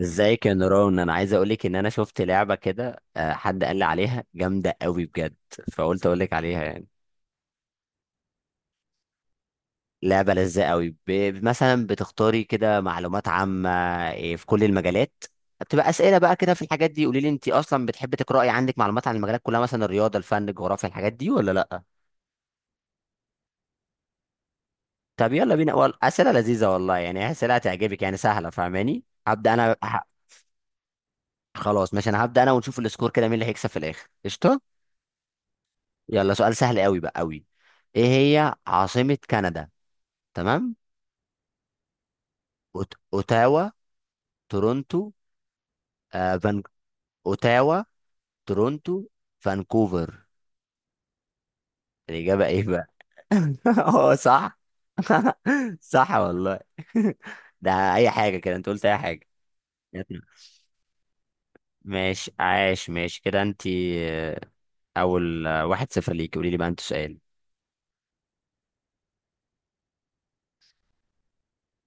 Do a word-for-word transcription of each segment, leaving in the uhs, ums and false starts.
ازيك يا نوران، انا عايز اقولك ان انا شفت لعبه كده، آه، حد قال لي عليها جامده قوي بجد. فقلت اقولك عليها يعني لعبه لذيذه قوي. ب... مثلا بتختاري كده معلومات عامه، إيه، في كل المجالات. بتبقى اسئله بقى كده في الحاجات دي. قولي لي، انت اصلا بتحبي تقراي؟ عندك معلومات عن المجالات كلها؟ مثلا الرياضه، الفن، الجغرافيا، الحاجات دي ولا لا؟ طب يلا بينا. وال- اسئله لذيذه والله، يعني اسئله هتعجبك، يعني سهله، فاهماني؟ هبدا انا ه- خلاص ماشي، انا هبدا انا ونشوف السكور كده مين اللي هيكسب في الاخر. قشطه، يلا. سؤال سهل قوي بقى قوي. ايه هي عاصمة كندا؟ تمام. أوت- اوتاوا، تورونتو، آه فان، اوتاوا، تورونتو، فانكوفر. الإجابة ايه بقى؟ اه صح. صح والله. ده اي حاجة كده، انت قلت اي حاجة. يلا. ماشي، عاش، ماشي كده انت. آه، اول، آه، واحد صفر ليك. قولي لي بقى انت سؤال.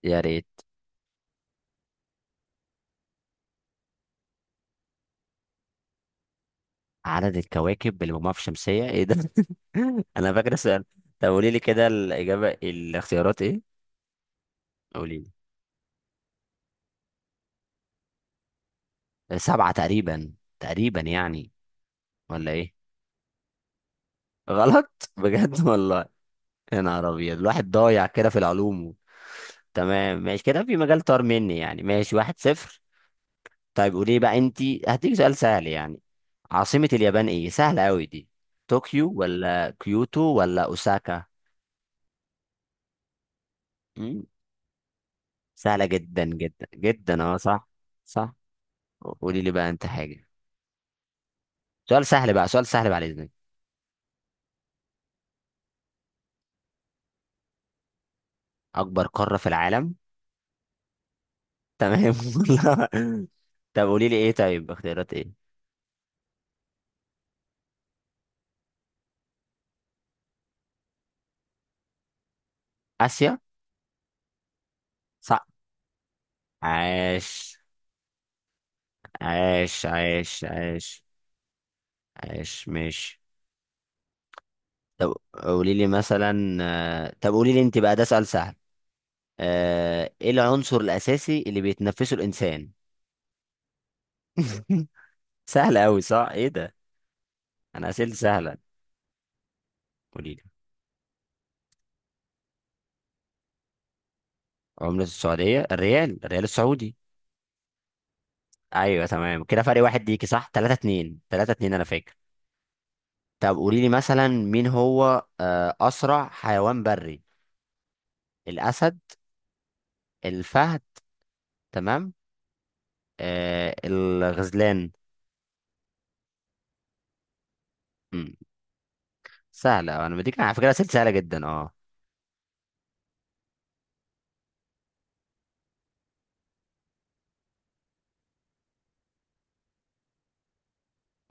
يا ريت. عدد الكواكب اللي مجموعة في الشمسية؟ ايه ده؟ انا فاكر السؤال. طب قولي لي كده الإجابة، الاختيارات ايه. قولي لي سبعة تقريبا. تقريبا يعني، ولا ايه؟ غلط؟ بجد والله. يا نهار ابيض، الواحد ضايع كده في العلوم و... تمام ماشي كده، في مجال طار مني يعني. ماشي، واحد صفر. طيب قولي بقى انتي، هديك سؤال سهل يعني. عاصمة اليابان ايه؟ سهلة قوي دي. طوكيو ولا كيوتو ولا اوساكا؟ مم، سهلة جدا جدا جدا. اه صح. صح. قولي لي بقى انت حاجة. سؤال سهل بقى، سؤال سهل بعد اذنك. اكبر قارة في العالم. تمام. والله. طب قولي لي ايه، طيب اختيارات ايه. اسيا. صح. عاش، عاش، عاش. عاش عاش ماشي. طب قولي لي مثلا، آه، طب قولي لي انت بقى، ده سؤال سهل. آه، ايه العنصر الاساسي اللي بيتنفسه الانسان؟ سهل قوي، صح، ايه ده؟ انا اسئلتي سهله. قولي لي. عملة السعوديه الريال، الريال السعودي. ايوه تمام. كده فرق واحد ليكي صح، تلاتة اتنين تلاتة اتنين انا فاكر. طب قولي لي مثلا، مين هو آه، أسرع حيوان بري؟ الأسد، الفهد، تمام، آه، الغزلان. مم. سهلة، أنا بديك على فكرة أسئلة سهلة جدا أه.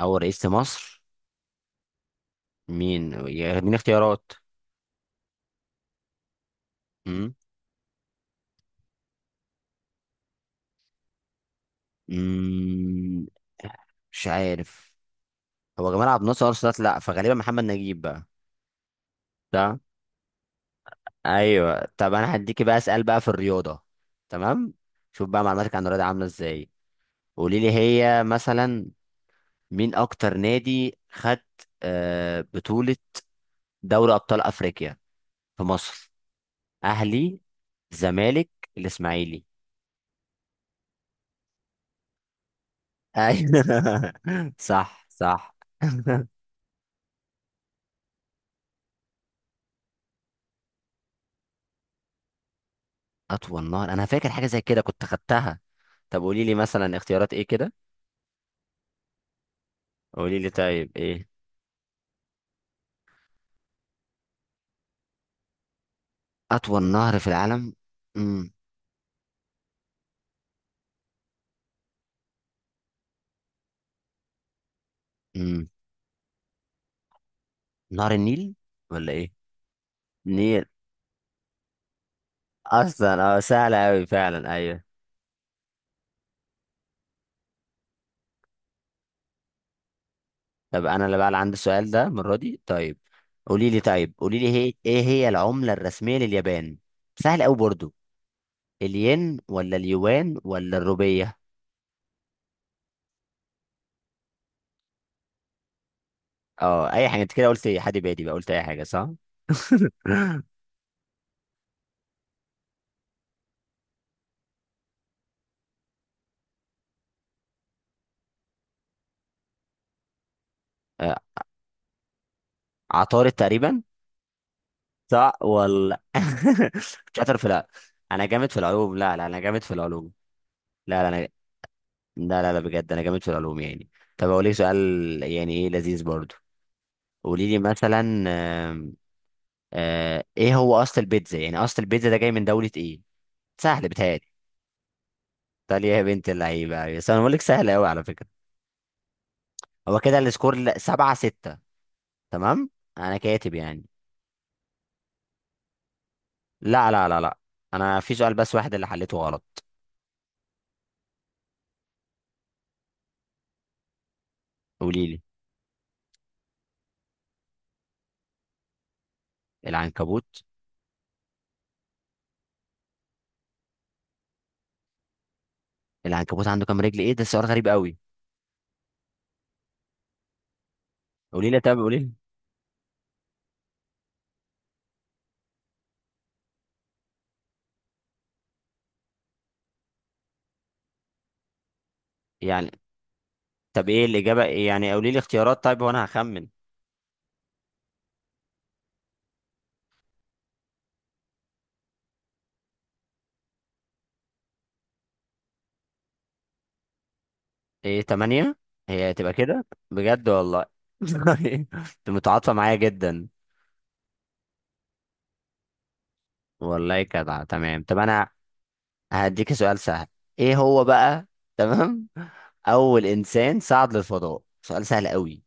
أول رئيس لمصر. مين؟ يديني اختيارات. مم. مم. مش عارف. هو جمال عبد الناصر أرسلت، لأ، فغالبا محمد نجيب بقى. ده أيوه. طب أنا هديكي بقى أسأل بقى في الرياضة. تمام. شوف بقى معلوماتك عن الرياضة عاملة إزاي. قولي لي، هي مثلا مين اكتر نادي خد آه، بطولة دوري ابطال افريقيا في مصر؟ اهلي، زمالك، الاسماعيلي. ايوه. صح صح. اطول نهر، انا فاكر حاجة زي كده كنت خدتها. طب قولي لي مثلا اختيارات ايه كده. قولي لي طيب ايه. اطول نهر في العالم. امم. امم. نهر النيل، ولا ايه؟ نيل. اصلا اه سهلة اوي فعلا، ايوه. طب انا اللي بقى اللي عندي السؤال ده المره دي، طيب. قولي لي، طيب قولي لي، هي ايه هي العمله الرسميه لليابان؟ سهل قوي برضو. الين ولا اليوان ولا الروبيه؟ اه اي حاجه، انت كده قلت ايه، حد بادي بقى قلت اي حاجه صح. آه، عطارد تقريبا. صح ولا؟ شاطر في لا. انا جامد في العلوم، لا لا انا جامد في العلوم لا لا انا لا لا لا، بجد انا جامد في العلوم يعني. طب اقول لك سؤال، يعني ايه لذيذ برضو. قولي لي مثلا، آه ايه هو اصل البيتزا؟ يعني اصل البيتزا ده جاي من دولة ايه؟ سهل بتهيألي. ايطاليا، يا بنت اللعيبة، بس انا بقول لك سهل قوي على فكرة. هو كده السكور ل- سبعة ستة، تمام. انا كاتب يعني. لا لا لا لا، انا في سؤال بس واحد اللي حليته غلط. قولي لي. العنكبوت. العنكبوت عنده كام رجل؟ ايه ده سؤال غريب قوي. قولي لي، طب قولي لي يعني. طب ايه الاجابة إيه؟ يعني قولي لي اختيارات طيب وانا هخمن. ايه تمانية، هي تبقى كده؟ بجد والله. انت متعاطفة معايا جدا. والله جدع، تمام. طب انا هديك سؤال سهل. ايه هو بقى، تمام. اول انسان صعد للفضاء، سؤال سهل قوي.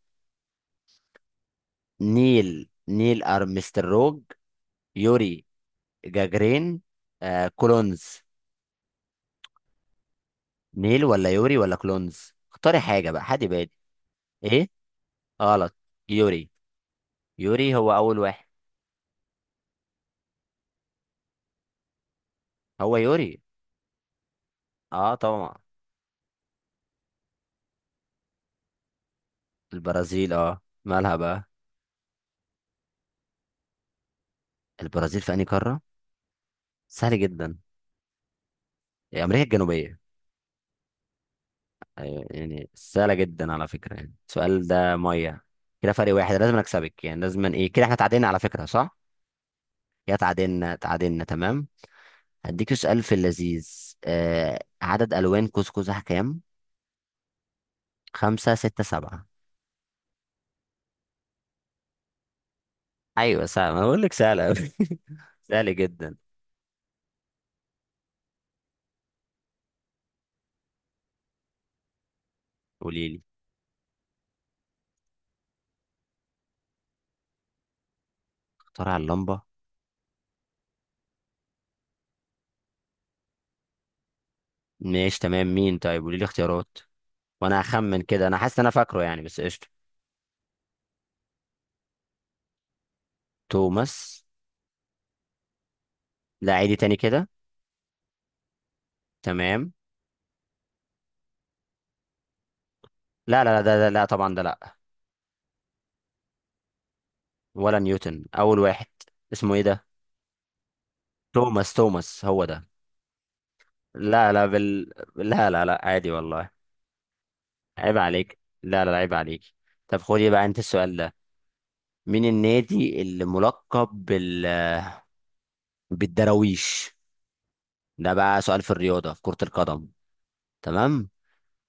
نيل نيل ارمستروج، يوري جاجرين، آه كولونز. نيل ولا يوري ولا كولونز؟ اختاري حاجة بقى، حد بادي. ايه. غلط. يوري. يوري هو اول واحد. هو يوري. اه طبعا. البرازيل، اه مالها بقى؟ البرازيل في انهي قارة؟ سهل جدا. امريكا الجنوبية. أيوة، يعني سهلة جدا على فكرة يعني، السؤال ده مية. كده فرق واحد لازم أكسبك يعني، لازم إيه كده. إحنا تعادلنا على فكرة صح؟ كده تعادلنا، تعادلنا، تمام. هديك سؤال في اللذيذ. آه، عدد ألوان قوس قزح كام؟ خمسة، ستة، سبعة. أيوة، سهلة، أنا بقول لك سهلة أوي. سهل جدا. قولي لي. اخترع اللمبة. ماشي تمام. مين طيب؟ قولي لي اختيارات وأنا هخمن كده. أنا حاسس إن أنا فاكره يعني، بس قشطة. توماس. لا عيدي تاني كده. تمام. لا لا لا ده ده- لا طبعا، ده لا. ولا نيوتن اول واحد؟ اسمه ايه ده؟ توماس. توماس هو ده. لا لا بال... لا لا لا عادي والله. عيب عليك، لا لا، عيب عليك. طب خدي بقى انت السؤال ده. مين النادي اللي ملقب بال... بالدراويش؟ ده بقى سؤال في الرياضة في كرة القدم، تمام.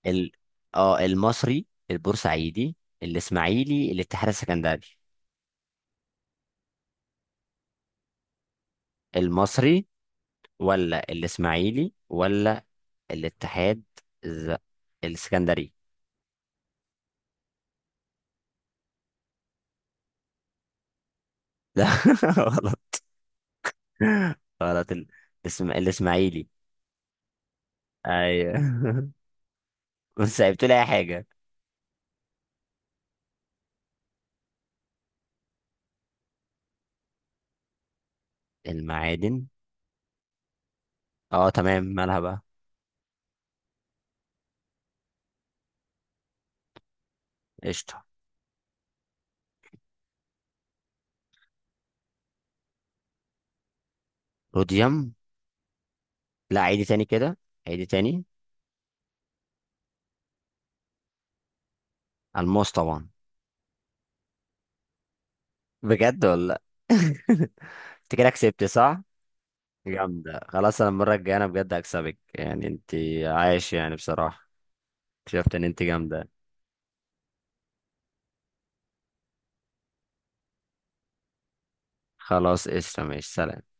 ال... اه المصري، البورسعيدي، الاسماعيلي، الاتحاد السكندري. المصري ولا الاسماعيلي ولا الاتحاد الز- السكندري. لا. غلط. غلط. ال... اسم... الاسماعيلي. ايوه. بس سايبت لي اي حاجه. المعادن. اه تمام، مالها بقى؟ قشطه. روديوم. لا عيدي تاني كده. عيدي تاني. الماس طبعا. بجد ولا؟ لأ؟ انت كده كسبت صح. جامده، خلاص، انا المره الجايه انا بجد هكسبك يعني. انت عايش يعني بصراحه. اكتشفت ان انت جامده. خلاص قشطه، ماشي، سلام.